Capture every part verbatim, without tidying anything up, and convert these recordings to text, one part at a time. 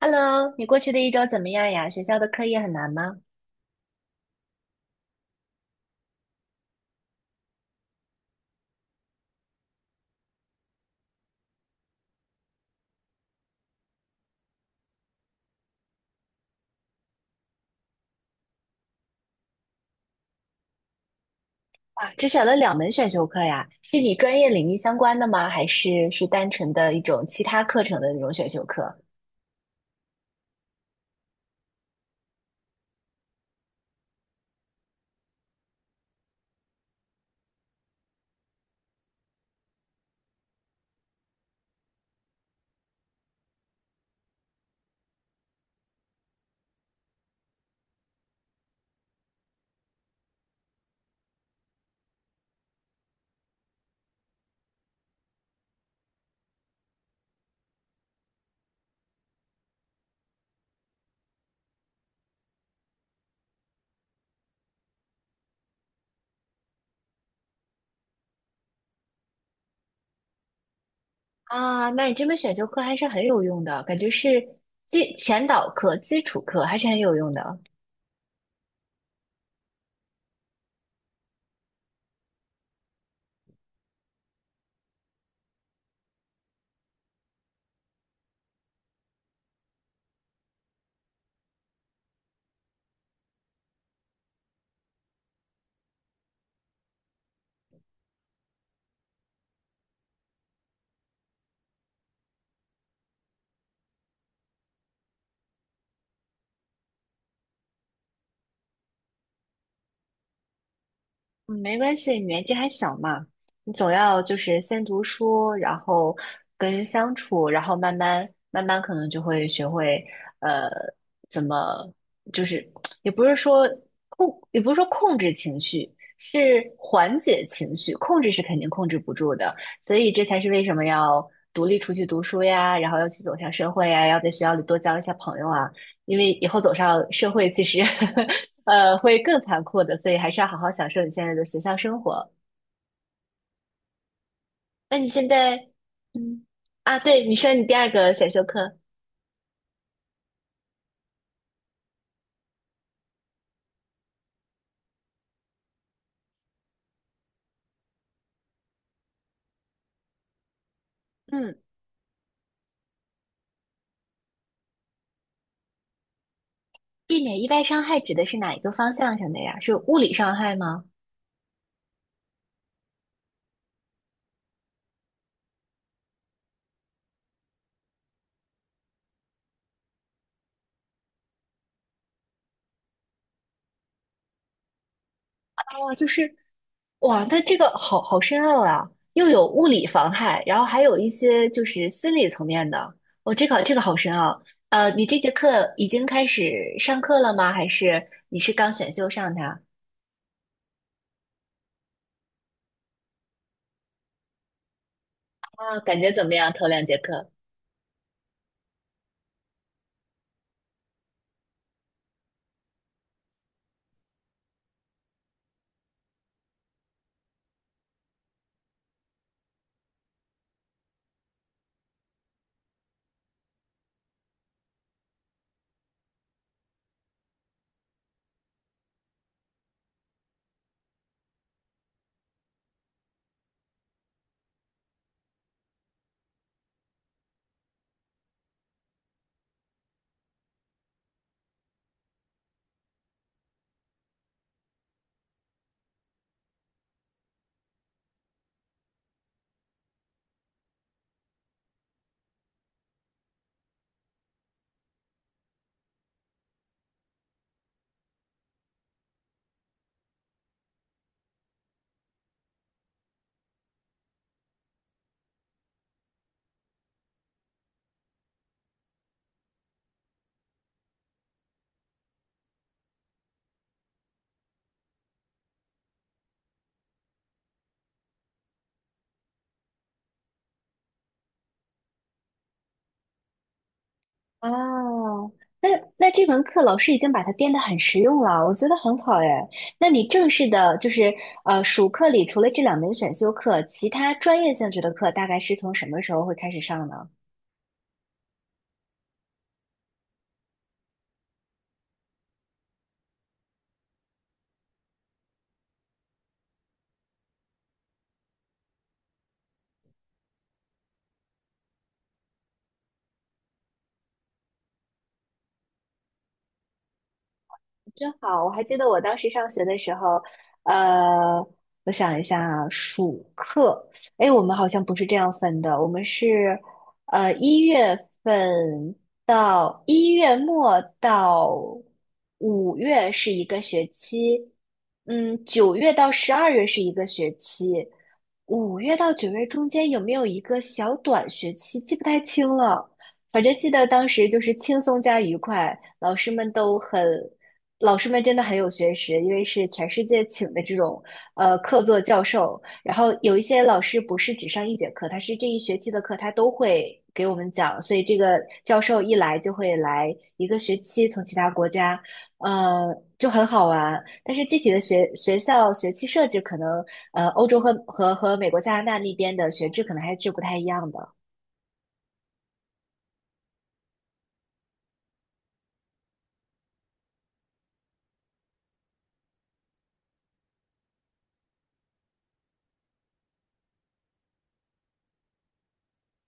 Hello,你过去的一周怎么样呀？学校的课业很难吗？啊，只选了两门选修课呀，是你专业领域相关的吗？还是是单纯的一种其他课程的那种选修课？啊，那你这门选修课还是很有用的，感觉是基前导课、基础课还是很有用的。嗯，没关系，你年纪还小嘛，你总要就是先读书，然后跟人相处，然后慢慢慢慢可能就会学会，呃，怎么就是也不是说控，也不是说控制情绪，是缓解情绪，控制是肯定控制不住的，所以这才是为什么要独立出去读书呀，然后要去走向社会呀，要在学校里多交一些朋友啊，因为以后走上社会，其实 呃，会更残酷的，所以还是要好好享受你现在的学校生活。那你现在，嗯，啊，对，你说你第二个选修课，嗯，避免意外伤害指的是哪一个方向上的呀？是物理伤害吗？哦，就是，哇，那这个好好深奥啊，又有物理防害，然后还有一些就是心理层面的。哦，这个这个好深奥。呃，你这节课已经开始上课了吗？还是你是刚选修上它？啊，感觉怎么样？头两节课？哦，那那这门课老师已经把它编得很实用了，我觉得很好哎。那你正式的，就是呃，暑课里除了这两门选修课，其他专业性质的课大概是从什么时候会开始上呢？真好，我还记得我当时上学的时候，呃，我想一下啊，暑课，哎，我们好像不是这样分的，我们是，呃，一月份到一月末到五月是一个学期，嗯，九月到十二月是一个学期，五月到九月中间有没有一个小短学期，记不太清了。反正记得当时就是轻松加愉快，老师们都很老师们真的很有学识，因为是全世界请的这种呃客座教授，然后有一些老师不是只上一节课，他是这一学期的课他都会给我们讲，所以这个教授一来就会来一个学期，从其他国家，呃，就很好玩。但是具体的学学校学期设置可能，呃，欧洲和和和美国、加拿大那边的学制可能还是不太一样的。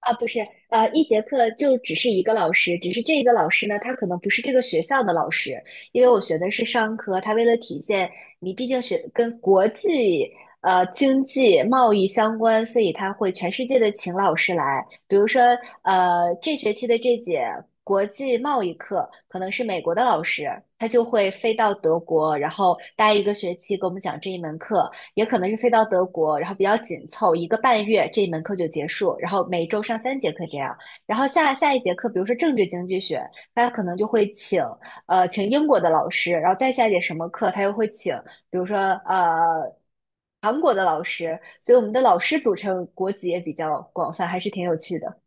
啊，不是，呃，一节课就只是一个老师，只是这一个老师呢，他可能不是这个学校的老师，因为我学的是商科，他为了体现你毕竟学跟国际呃经济贸易相关，所以他会全世界的请老师来，比如说呃这学期的这节国际贸易课可能是美国的老师，他就会飞到德国，然后待一个学期给我们讲这一门课，也可能是飞到德国，然后比较紧凑，一个半月这一门课就结束，然后每周上三节课这样。然后下下一节课，比如说政治经济学，他可能就会请呃请英国的老师，然后再下一节什么课，他又会请，比如说呃韩国的老师，所以我们的老师组成国籍也比较广泛，还是挺有趣的。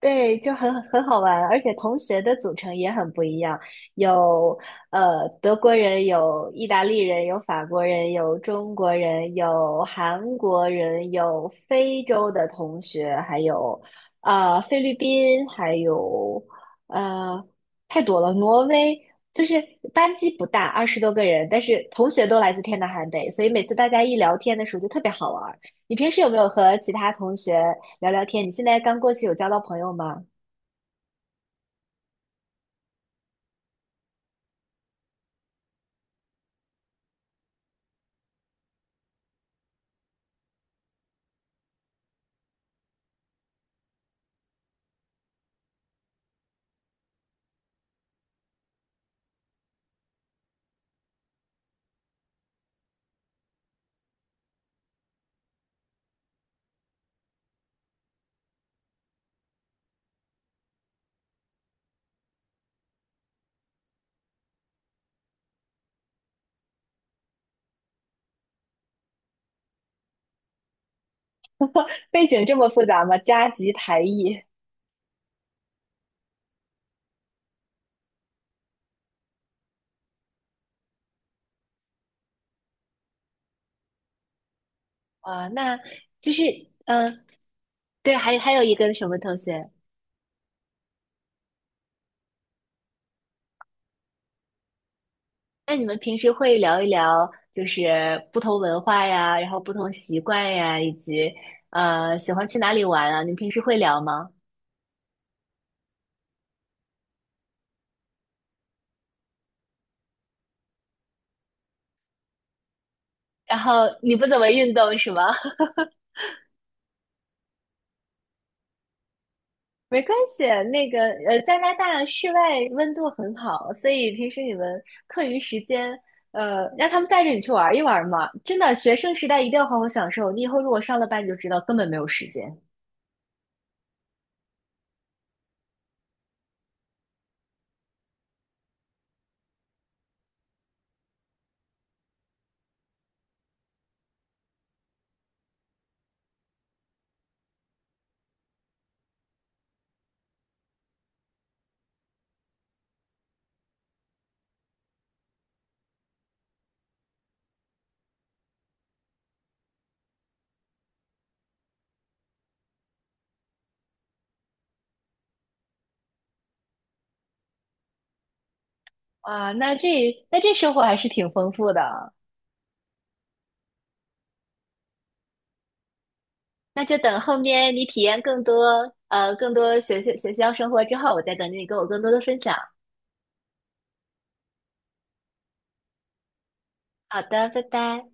对，就很很好玩，而且同学的组成也很不一样，有呃德国人，有意大利人，有法国人，有中国人，有韩国人，有非洲的同学，还有呃菲律宾，还有呃太多了，挪威，就是班级不大，二十多个人，但是同学都来自天南海北，所以每次大家一聊天的时候就特别好玩儿。你平时有没有和其他同学？聊聊天。你现在刚过去有交到朋友吗？背景这么复杂吗？加急台裔啊，那就是嗯，对，还还有一个什么同学？那你们平时会聊一聊，就是不同文化呀，然后不同习惯呀，以及呃喜欢去哪里玩啊？你们平时会聊吗？然后你不怎么运动是吗？没关系，那个呃，加拿大室外温度很好，所以平时你们课余时间，呃，让他们带着你去玩一玩嘛。真的，学生时代一定要好好享受。你以后如果上了班，你就知道根本没有时间啊。那这那这生活还是挺丰富的。那就等后面你体验更多呃更多学校学校生活之后，我再等着你跟我更多的分享。好的，拜拜。